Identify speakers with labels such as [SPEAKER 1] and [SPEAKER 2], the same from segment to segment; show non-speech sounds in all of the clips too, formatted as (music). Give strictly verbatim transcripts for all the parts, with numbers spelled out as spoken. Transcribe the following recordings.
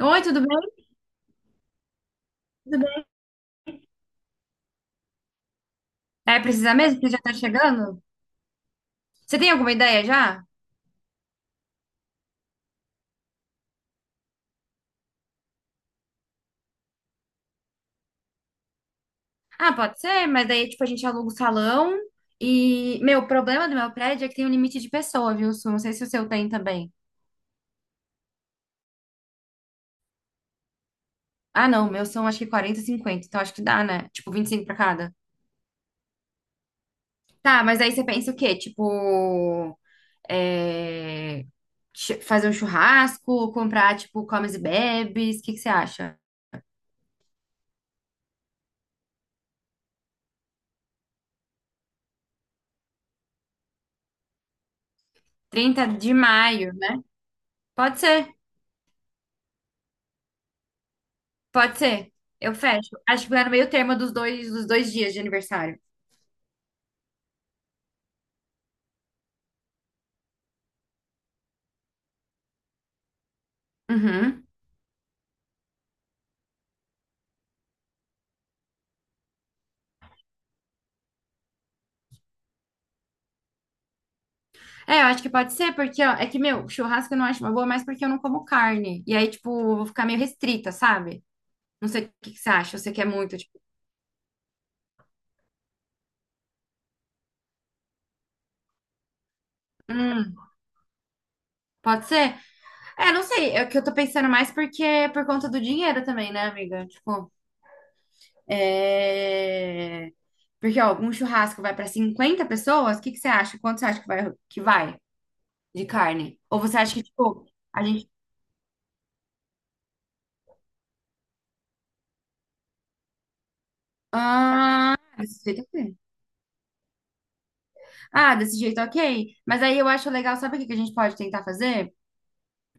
[SPEAKER 1] Oi, tudo bem? Tudo bem? É, precisa mesmo? Porque já tá chegando? Você tem alguma ideia já? Ah, pode ser, mas daí, tipo, a gente aluga o salão e... Meu, o problema do meu prédio é que tem um limite de pessoa, viu, Su? Não sei se o seu tem também. Ah, não, o meu são acho que quarenta, cinquenta. Então acho que dá, né? Tipo, vinte e cinco pra cada. Tá, mas aí você pensa o quê? Tipo, é... chu- fazer um churrasco, comprar, tipo, comes e bebes, o que que você acha? Trinta de maio, né? Pode ser. Pode ser. Eu fecho. Acho que vai no meio termo dos dois, dos dois dias de aniversário. Uhum. É, eu acho que pode ser, porque, ó, é que, meu, churrasco eu não acho uma boa, mas porque eu não como carne. E aí, tipo, eu vou ficar meio restrita, sabe? Não sei o que que você acha, você quer muito, tipo, hum, pode ser? É, não sei, é que eu tô pensando mais porque é por conta do dinheiro também, né, amiga? Tipo, é... Porque, ó, um churrasco vai pra cinquenta pessoas, o que que você acha? Quanto você acha que vai, que vai de carne? Ou você acha que, tipo, a gente... ah, Desse jeito, é ok. Ah, desse jeito, é ok. Mas aí eu acho legal, sabe o que que a gente pode tentar fazer?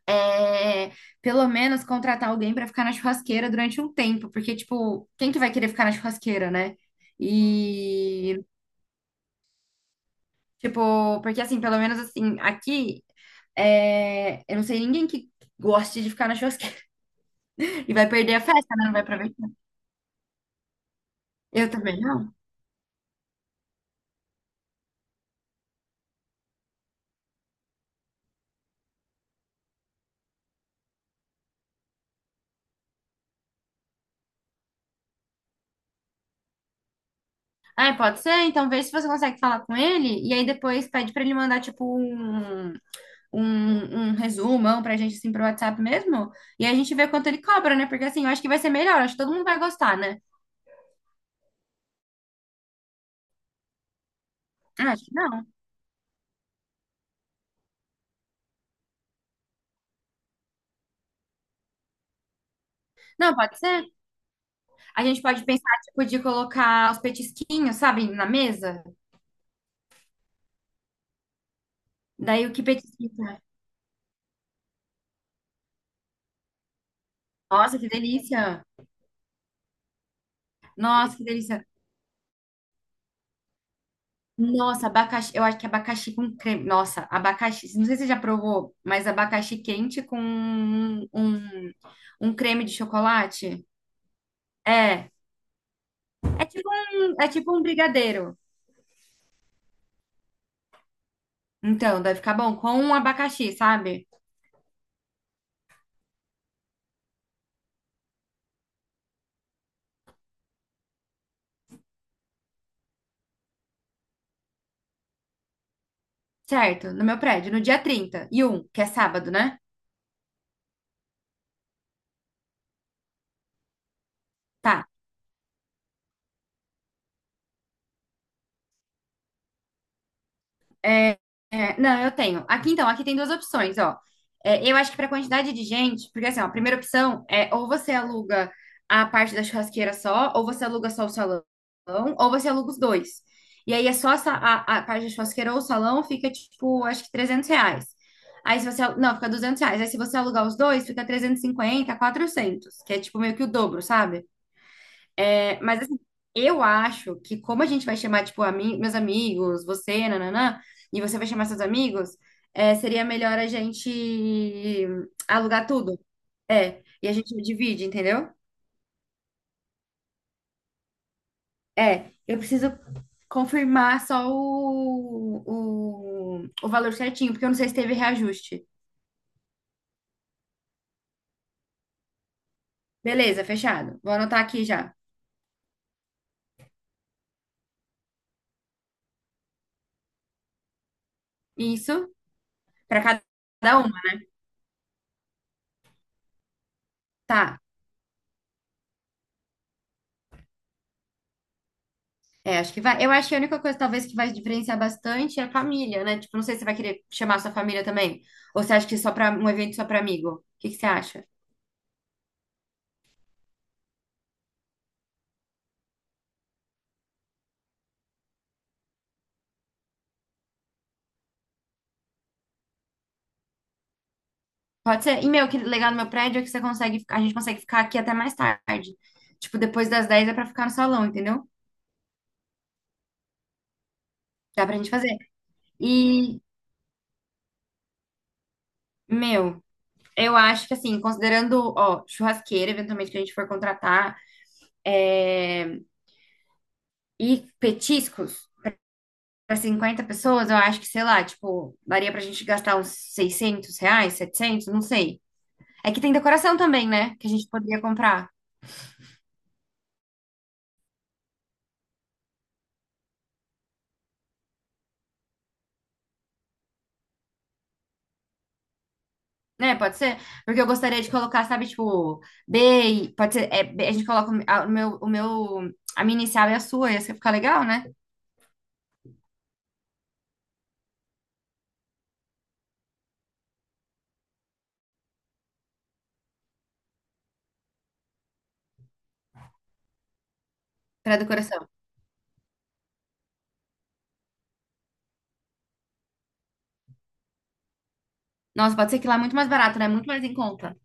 [SPEAKER 1] É, pelo menos contratar alguém pra ficar na churrasqueira durante um tempo, porque, tipo, quem que vai querer ficar na churrasqueira, né? E, tipo, porque assim, pelo menos assim, aqui, é, eu não sei ninguém que goste de ficar na churrasqueira (laughs) e vai perder a festa, né? Não vai aproveitar. Eu também não. Ah, pode ser? Então vê se você consegue falar com ele e aí depois pede pra ele mandar, tipo, um. um, um resumão pra gente, assim, pro WhatsApp mesmo. E a gente vê quanto ele cobra, né? Porque, assim, eu acho que vai ser melhor. Acho que todo mundo vai gostar, né? Ah, acho que não. Não, pode ser. A gente pode pensar, tipo, de colocar os petisquinhos, sabe, na mesa. Daí o que petisquinho? Tá? Nossa, que delícia! Nossa, que delícia! Nossa, abacaxi. Eu acho que abacaxi com creme. Nossa, abacaxi. Não sei se você já provou, mas abacaxi quente com um, um creme de chocolate. É. É tipo um, é tipo um brigadeiro. Então, deve ficar bom com um abacaxi, sabe? Certo, no meu prédio, no dia trinta e um, que é sábado, né? Tá. É, é, não, eu tenho. Aqui então, aqui tem duas opções, ó. É, eu acho que para quantidade de gente, porque assim, ó, a primeira opção é ou você aluga a parte da churrasqueira só, ou você aluga só o salão, ou você aluga os dois. E aí é só essa- a, a parte da churrasqueira ou o salão fica tipo, acho que trezentos reais. Aí se você, al- não, fica duzentos reais. Aí se você alugar os dois, fica trezentos e cinquenta, quatrocentos, que é tipo meio que o dobro, sabe? É, mas assim, eu acho que como a gente vai chamar, tipo, ami- meus amigos, você, nananã, e você vai chamar seus amigos, é, seria melhor a gente alugar tudo. É, e a gente divide, entendeu? É, eu preciso confirmar só o, o, o valor certinho, porque eu não sei se teve reajuste. Beleza, fechado. Vou anotar aqui já. Isso, para cada uma. Tá. É, acho que vai. Eu acho que a única coisa, talvez, que vai diferenciar bastante é a família, né? Tipo, não sei se você vai querer chamar sua família também. Ou você acha que é só para um evento só para amigo? O que que você acha? Pode ser. E, meu, que legal no meu prédio é que você consegue, a gente consegue ficar aqui até mais tarde. Tipo, depois das dez é pra ficar no salão, entendeu? Dá pra gente fazer. E, meu, eu acho que assim, considerando, ó, churrasqueira, eventualmente que a gente for contratar, é, e petiscos. Para cinquenta pessoas, eu acho que, sei lá, tipo, daria pra gente gastar uns seiscentos reais, setecentos não sei. É que tem decoração também, né? Que a gente poderia comprar. Né, pode ser? Porque eu gostaria de colocar, sabe, tipo, B, e- pode ser, é, B, a gente coloca o a- o meu, o meu, a minha inicial e a sua, ia ser- ficar legal, né? Pra decoração. Nossa, pode ser que lá é muito mais barato, né? Muito mais em conta.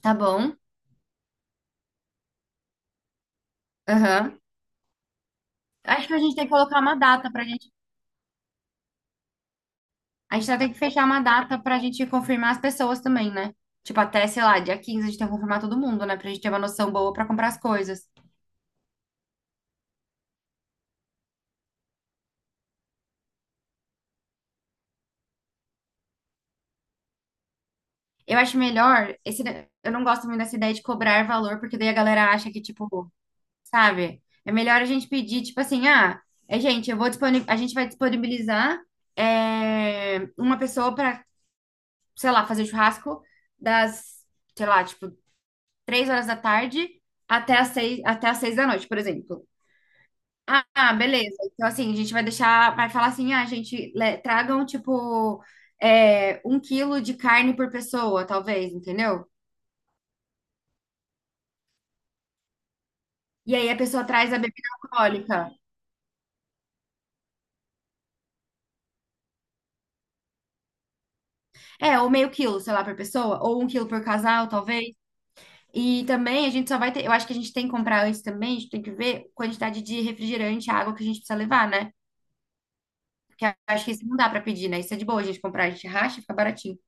[SPEAKER 1] Tá bom. Aham. Acho que a gente tem que colocar uma data pra gente. A gente vai ter que fechar uma data pra gente confirmar as pessoas também, né? Tipo, até, sei lá, dia quinze a gente tem que confirmar todo mundo, né? Pra gente ter uma noção boa pra comprar as coisas. Eu acho melhor, esse, eu não gosto muito dessa ideia de cobrar valor, porque daí a galera acha que, tipo, sabe? É melhor a gente pedir, tipo assim, ah, é, gente, eu vou disponi- a gente vai disponibilizar é, uma pessoa pra, sei lá, fazer churrasco das, sei lá, tipo, três horas da tarde até as seis, até as seis da noite, por exemplo. Ah, ah, beleza. Então, assim, a gente vai deixar, vai falar assim, ah, gente, le- tragam, tipo, é, um quilo de carne por pessoa, talvez, entendeu? E aí a pessoa traz a bebida alcoólica. É, ou meio quilo, sei lá, por pessoa, ou um quilo por casal, talvez. E também a gente só vai ter, eu acho que a gente tem que comprar antes também, a gente tem que ver a quantidade de refrigerante, água que a gente precisa levar, né? Porque eu acho que isso não dá pra pedir, né? Isso é de boa a gente comprar, a gente racha, fica baratinho.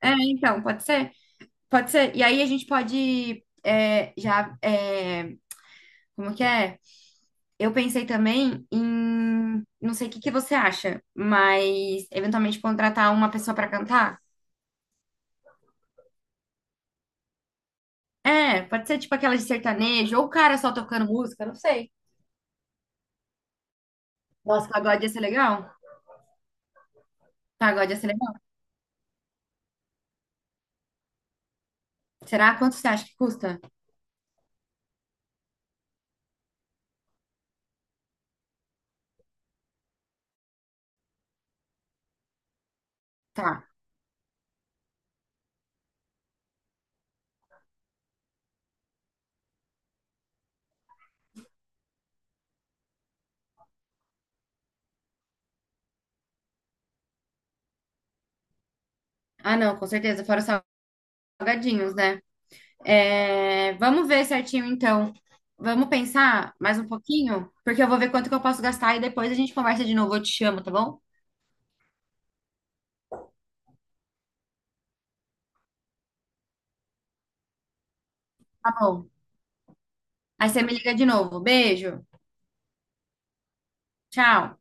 [SPEAKER 1] É, então, pode ser? Pode ser. E aí a gente pode é, já. É, como que é? Eu pensei também em, não sei o que que você acha, mas eventualmente contratar uma pessoa pra cantar. É, pode ser tipo aquela de sertanejo, ou o cara só tocando música, não sei. Nossa, pagode ia ser legal? Pagode ia ser legal. Será? Quanto você acha que custa? Tá. Ah, não, com certeza, fora os salgadinhos, né? É, vamos ver certinho então. Vamos pensar mais um pouquinho, porque eu vou ver quanto que eu posso gastar e depois a gente conversa de novo. Eu te chamo, tá bom? Tá bom. Aí você me liga de novo. Beijo. Tchau.